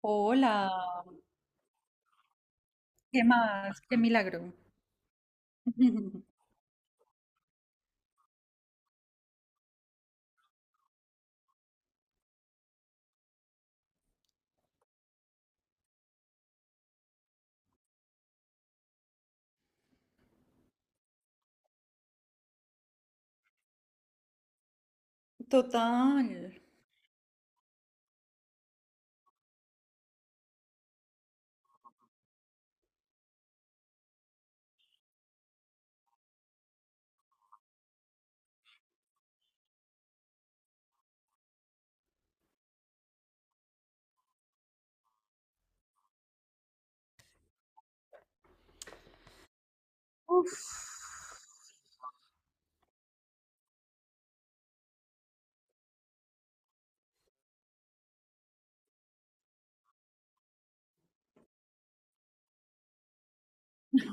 Hola, ¿qué más? Qué milagro. Total. Uf,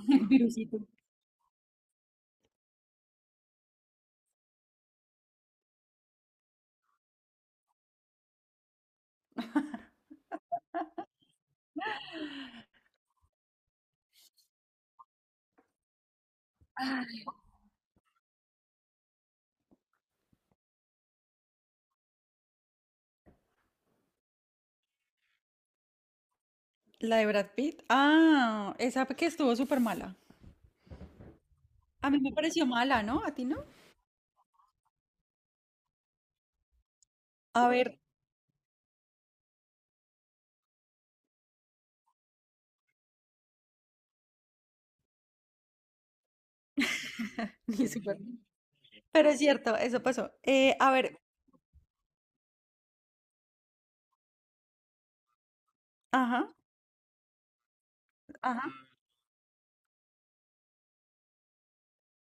el virusito. Ay, la de Brad Pitt. Ah, esa que estuvo súper mala. A mí me pareció mala, ¿no? ¿A ti no? A ver, ni súper. Pero es cierto, eso pasó. A ver, ajá, ajá,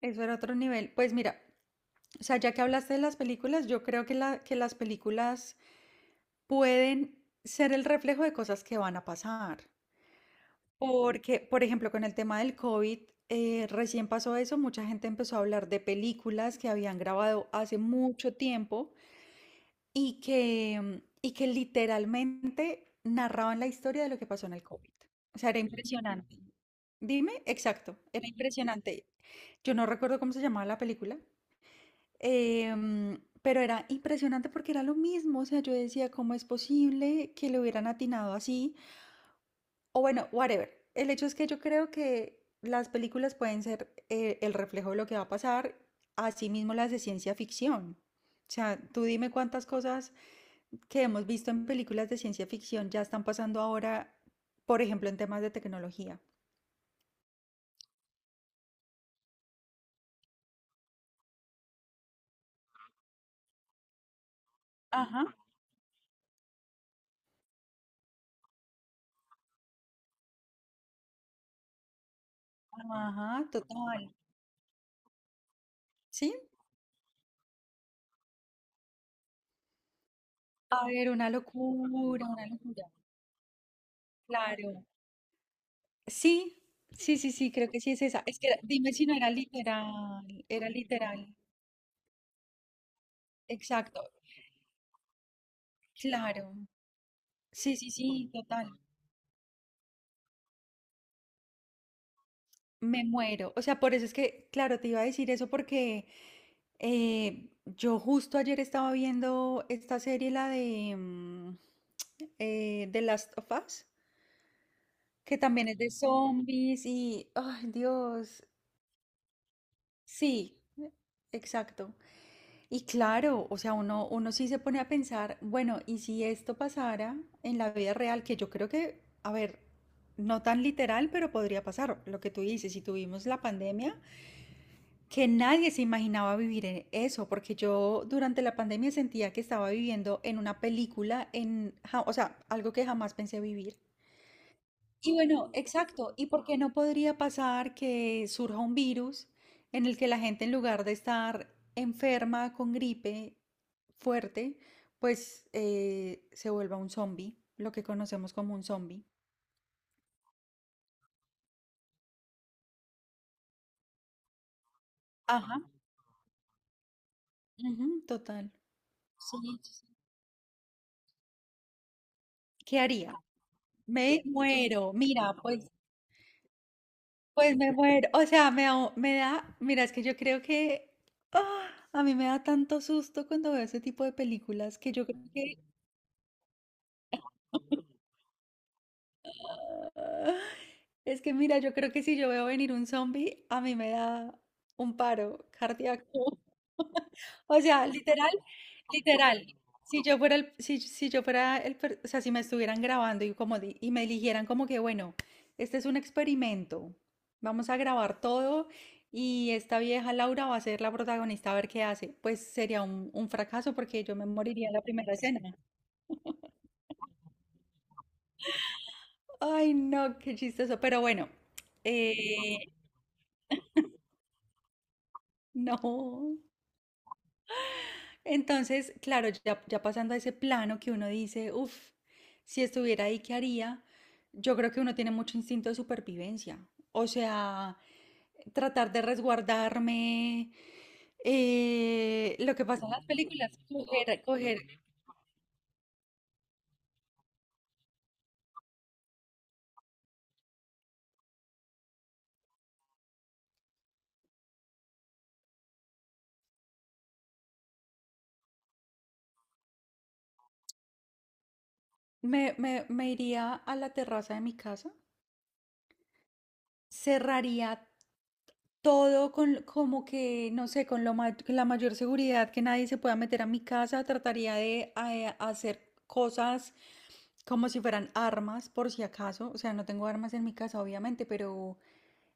eso era otro nivel. Pues mira, o sea, ya que hablaste de las películas, yo creo que, la, que las películas pueden ser el reflejo de cosas que van a pasar. Porque, por ejemplo, con el tema del COVID, recién pasó eso, mucha gente empezó a hablar de películas que habían grabado hace mucho tiempo y que literalmente narraban la historia de lo que pasó en el COVID. O sea, era impresionante. Dime, exacto, era impresionante. Yo no recuerdo cómo se llamaba la película, pero era impresionante porque era lo mismo. O sea, yo decía, ¿cómo es posible que le hubieran atinado así? O bueno, whatever. El hecho es que yo creo que las películas pueden ser el reflejo de lo que va a pasar, así mismo las de ciencia ficción. O sea, tú dime cuántas cosas que hemos visto en películas de ciencia ficción ya están pasando ahora, por ejemplo, en temas de tecnología. Ajá, ajá, total. ¿Sí? A ver, una locura, una locura. Claro. Sí, sí, sí, sí, creo que sí es esa. Es que dime si no era literal, era literal. Exacto. Claro, sí, sí, sí, total. Me muero. O sea, por eso es que, claro, te iba a decir eso porque yo justo ayer estaba viendo esta serie, la de The Last of Us, que también es de zombies y, ay, Dios, sí, exacto. Y claro, o sea, uno sí se pone a pensar, bueno, ¿y si esto pasara en la vida real? Que yo creo que, a ver, no tan literal, pero podría pasar. Lo que tú dices, si tuvimos la pandemia, que nadie se imaginaba vivir en eso, porque yo durante la pandemia sentía que estaba viviendo en una película, o sea, algo que jamás pensé vivir. Y bueno, exacto. ¿Y por qué no podría pasar que surja un virus en el que la gente en lugar de estar enferma con gripe fuerte, pues se vuelva un zombie, lo que conocemos como un zombie? Ajá, ujú, total. Sí, sí. ¿Qué haría? Me muero, mira, pues, me muero. O sea, mira, es que yo creo que ah, a mí me da tanto susto cuando veo ese tipo de películas que yo creo que. Es que mira, yo creo que si yo veo venir un zombie, a mí me da un paro cardíaco. O sea, literal, literal. Si yo fuera el, o sea, si me estuvieran grabando y y me eligieran como que, bueno, este es un experimento. Vamos a grabar todo y esta vieja Laura va a ser la protagonista a ver qué hace. Pues sería un fracaso porque yo me moriría en la primera escena. Ay, no, qué chistoso. Pero bueno, eh, no. Entonces, claro, ya pasando a ese plano que uno dice, uff, si estuviera ahí, ¿qué haría? Yo creo que uno tiene mucho instinto de supervivencia. O sea, tratar de resguardarme. Lo que pasa en las películas, coger, me iría a la terraza de mi casa, cerraría todo con, como que, no sé, con la mayor seguridad que nadie se pueda meter a mi casa. Trataría de hacer cosas como si fueran armas, por si acaso. O sea, no tengo armas en mi casa, obviamente, pero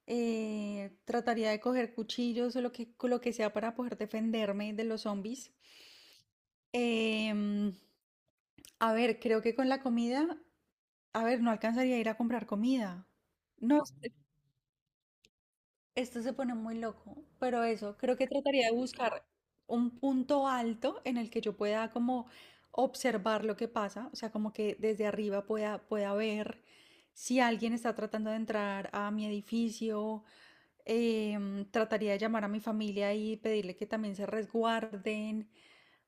trataría de coger cuchillos o lo que sea para poder defenderme de los zombies. Em, a ver, creo que con la comida, a ver, no alcanzaría a ir a comprar comida. No, esto se pone muy loco, pero eso, creo que trataría de buscar un punto alto en el que yo pueda como observar lo que pasa, o sea, como que desde arriba pueda, pueda ver si alguien está tratando de entrar a mi edificio. Trataría de llamar a mi familia y pedirle que también se resguarden.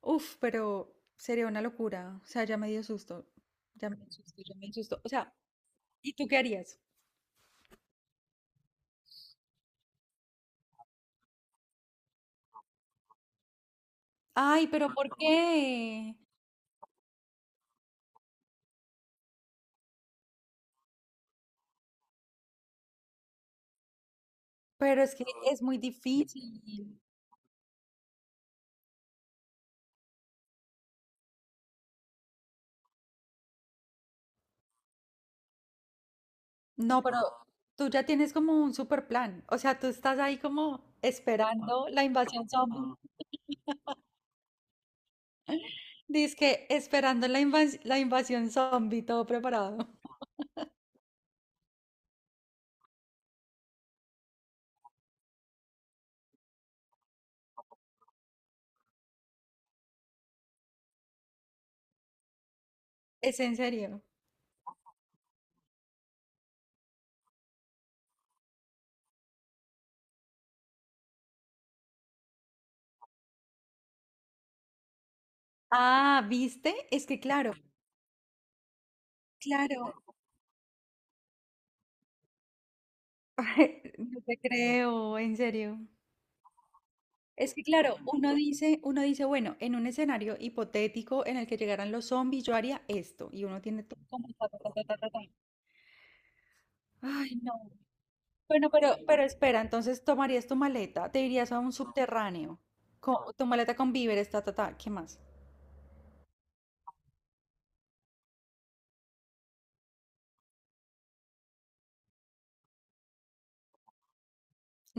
Uf, pero sería una locura. O sea, ya me dio susto. Ya me dio susto, ya me dio susto. O sea, ¿y tú qué harías? Ay, pero ¿por qué? Pero es que es muy difícil. No, pero tú ya tienes como un super plan. O sea, tú estás ahí como esperando la invasión zombie. Dice que esperando la invasión zombie, todo preparado. Es en serio. Ah, ¿viste? Es que claro, claro. No te creo, en serio. Es que claro, uno dice, bueno, en un escenario hipotético en el que llegaran los zombies, yo haría esto. Y uno tiene todo como ta, ta, ta, ta, ta, ta, ta. Ay, no. Bueno, pero espera, entonces tomarías tu maleta, te irías a un subterráneo, tu maleta con víveres, ta, ta, ta, ¿qué más?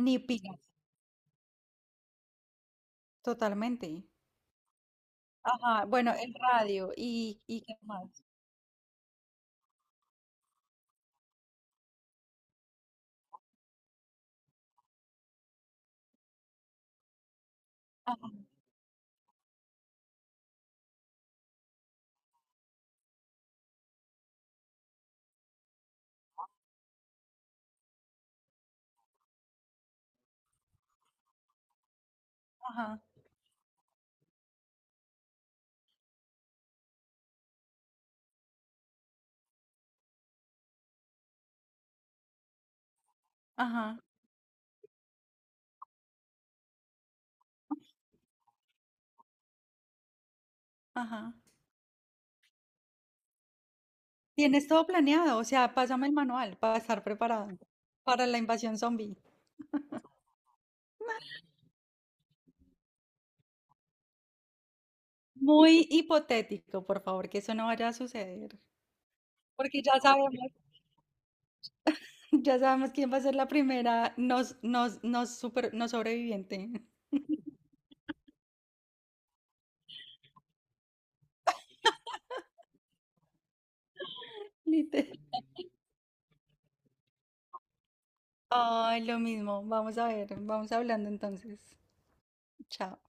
Ni pilas, totalmente. Ajá, bueno, el radio y qué más. Ajá, ajá, ajá, ajá. Tienes todo planeado, o sea, pásame el manual para estar preparado para la invasión zombie. Muy hipotético, por favor, que eso no vaya a suceder. Porque ya sabemos, ya sabemos quién va a ser la primera nos super, no sobreviviente. Literal. Ay, lo mismo. Vamos a ver, vamos hablando entonces. Chao.